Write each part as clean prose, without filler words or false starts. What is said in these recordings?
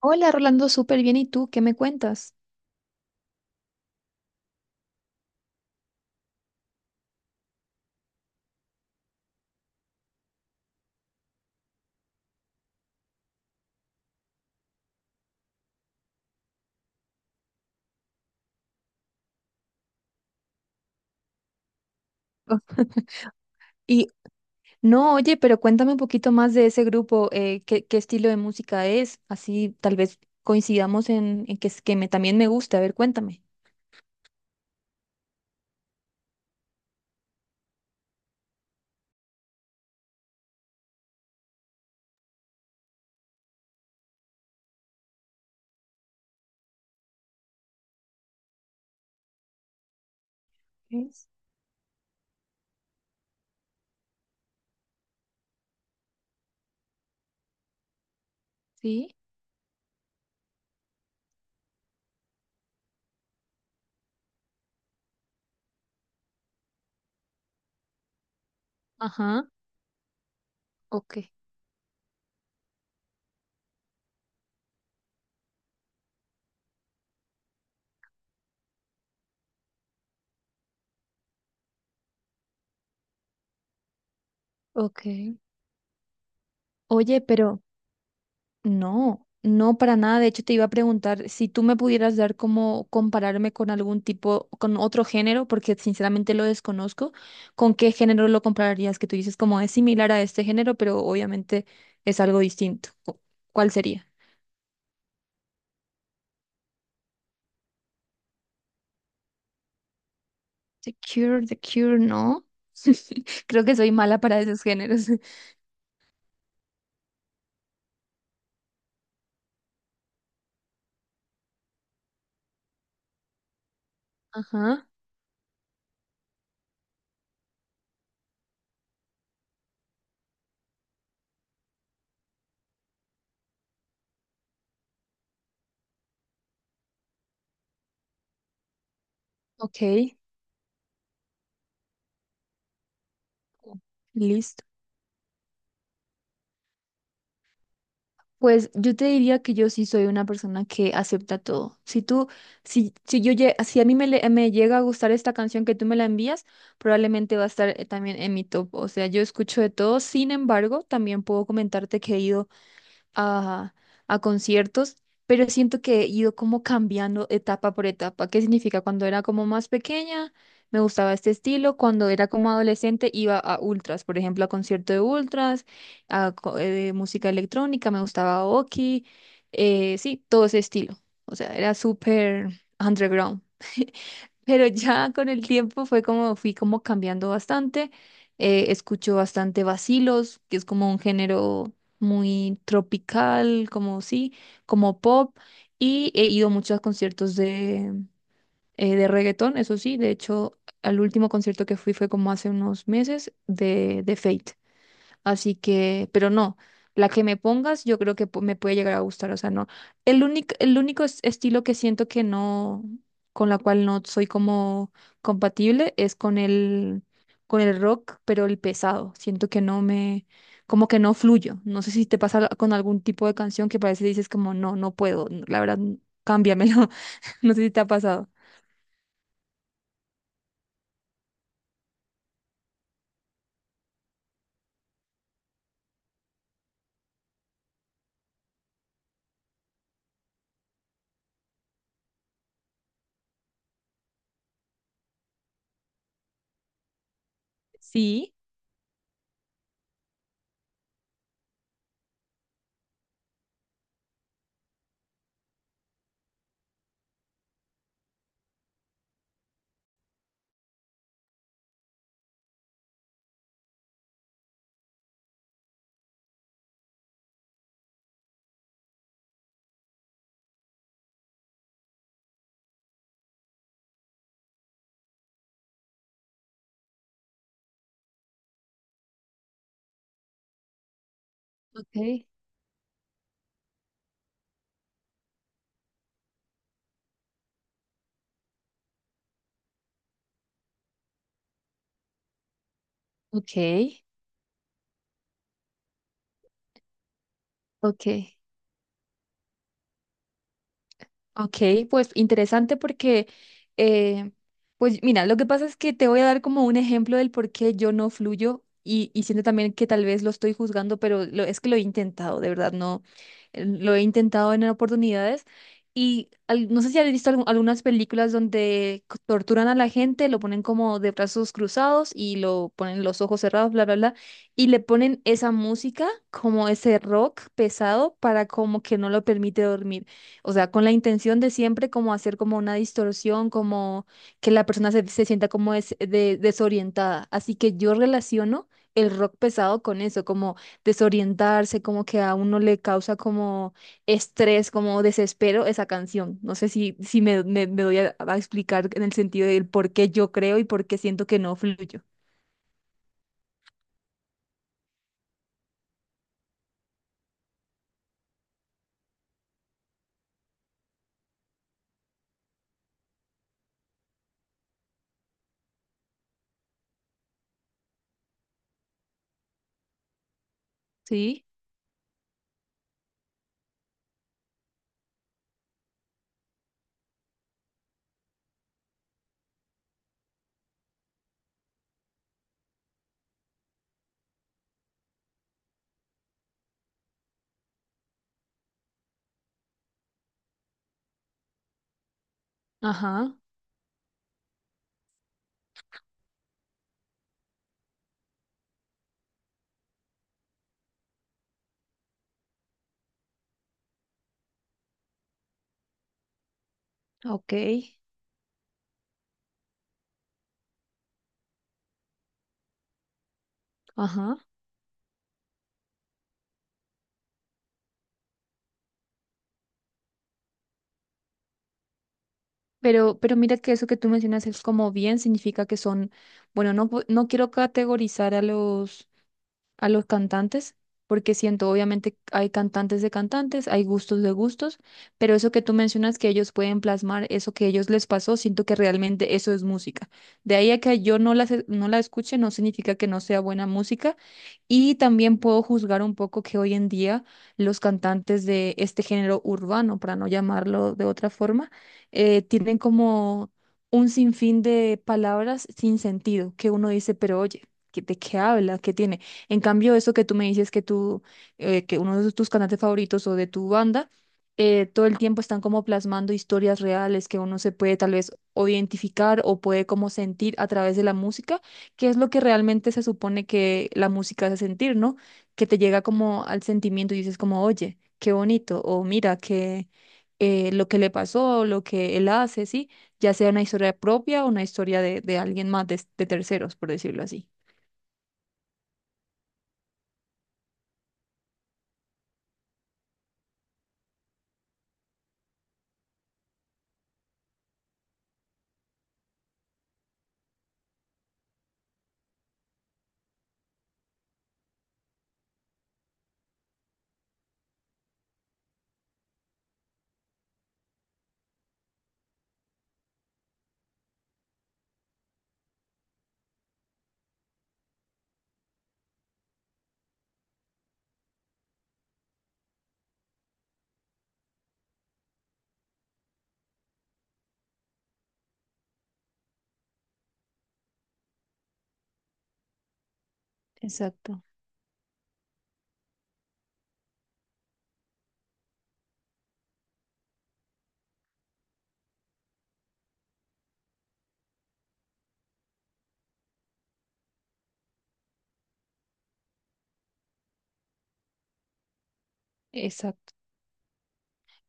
Hola, Rolando, súper bien. ¿Y tú qué me cuentas? Y no, oye, pero cuéntame un poquito más de ese grupo, qué, qué estilo de música es, así tal vez coincidamos en que, que me, también me guste. A ver, cuéntame. ¿Es? Sí. Ajá, ok, ok. Oye, pero... No, no para nada. De hecho, te iba a preguntar si tú me pudieras dar como compararme con algún tipo, con otro género, porque sinceramente lo desconozco. ¿Con qué género lo compararías? Que tú dices como es similar a este género, pero obviamente es algo distinto. ¿Cuál sería? The Cure, The Cure, no. Creo que soy mala para esos géneros. Ajá, ok. Listo. Pues yo te diría que yo sí soy una persona que acepta todo. Si yo, si a mí me llega a gustar esta canción que tú me la envías, probablemente va a estar también en mi top. O sea, yo escucho de todo. Sin embargo, también puedo comentarte que he ido a, a conciertos, pero siento que he ido como cambiando etapa por etapa. ¿Qué significa? Cuando era como más pequeña, me gustaba este estilo. Cuando era como adolescente, iba a ultras, por ejemplo, a concierto de ultras, música electrónica, me gustaba Oki, sí, todo ese estilo. O sea, era súper underground. Pero ya con el tiempo fue como, fui como cambiando bastante. Escucho bastante vacilos, que es como un género muy tropical, como sí, como pop. Y he ido mucho a conciertos de reggaetón, eso sí. De hecho, al último concierto que fui fue como hace unos meses de Fate. Así que, pero no, la que me pongas yo creo que me puede llegar a gustar, o sea, no. El único estilo que siento que no, con la cual no soy como compatible es con con el rock, pero el pesado. Siento que no me, como que no fluyo. No sé si te pasa con algún tipo de canción que parece dices como, no, no puedo, la verdad, cámbiamelo. No sé si te ha pasado. Sí, ok, ok, ok. Ok, pues interesante porque, eh, pues mira, lo que pasa es que te voy a dar como un ejemplo del por qué yo no fluyo y siento también que tal vez lo estoy juzgando, pero lo, es que lo he intentado, de verdad, no, lo he intentado en oportunidades y no sé si has visto algunas películas donde torturan a la gente, lo ponen como de brazos cruzados y lo ponen los ojos cerrados, bla, bla, bla, y le ponen esa música como ese rock pesado para como que no lo permite dormir. O sea, con la intención de siempre como hacer como una distorsión, como que la persona se, se sienta como desorientada. Así que yo relaciono el rock pesado con eso, como desorientarse, como que a uno le causa como estrés, como desespero esa canción. No sé si, si me doy a explicar en el sentido del por qué yo creo y por qué siento que no fluyo. ¿Sí? Ajá, ok, ajá. Pero mira que eso que tú mencionas es como bien significa que son, bueno, no, no quiero categorizar a a los cantantes, porque siento, obviamente, hay cantantes de cantantes, hay gustos de gustos, pero eso que tú mencionas que ellos pueden plasmar, eso que ellos les pasó, siento que realmente eso es música. De ahí a que yo no no la escuche, no significa que no sea buena música. Y también puedo juzgar un poco que hoy en día los cantantes de este género urbano, para no llamarlo de otra forma, tienen como un sinfín de palabras sin sentido, que uno dice, pero oye, ¿qué- ¿de qué habla? ¿Qué tiene? En cambio, eso que tú me dices que tú, que uno de tus cantantes favoritos o de tu banda, todo el tiempo están como plasmando historias reales que uno se puede tal vez o identificar o puede como sentir a través de la música, que es lo que realmente se supone que la música hace sentir, ¿no? Que te llega como al sentimiento y dices como, oye, qué bonito, o mira, que lo que le pasó, lo que él hace, ¿sí? Ya sea una historia propia o una historia de alguien más, de terceros, por decirlo así. Exacto, exacto.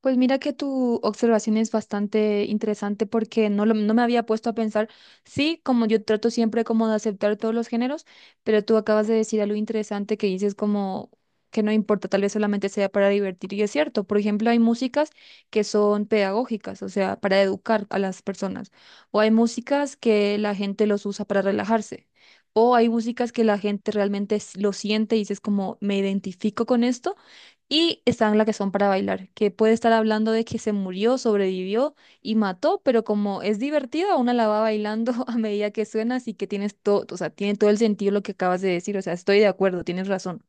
Pues mira que tu observación es bastante interesante porque no, no me había puesto a pensar, sí, como yo trato siempre como de aceptar todos los géneros, pero tú acabas de decir algo interesante que dices como que no importa, tal vez solamente sea para divertir y es cierto. Por ejemplo, hay músicas que son pedagógicas, o sea, para educar a las personas, o hay músicas que la gente los usa para relajarse. O hay músicas que la gente realmente lo siente y dices como me identifico con esto y están las que son para bailar, que puede estar hablando de que se murió, sobrevivió y mató, pero como es divertida, una la va bailando a medida que suena, así que tienes todo, o sea, tiene todo el sentido lo que acabas de decir, o sea, estoy de acuerdo, tienes razón.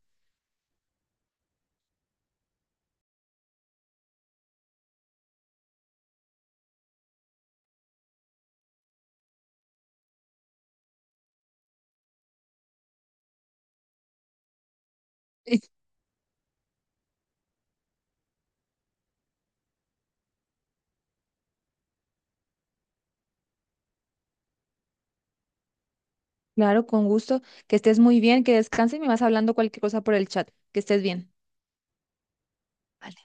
Claro, con gusto, que estés muy bien, que descanses y me vas hablando cualquier cosa por el chat, que estés bien. Vale.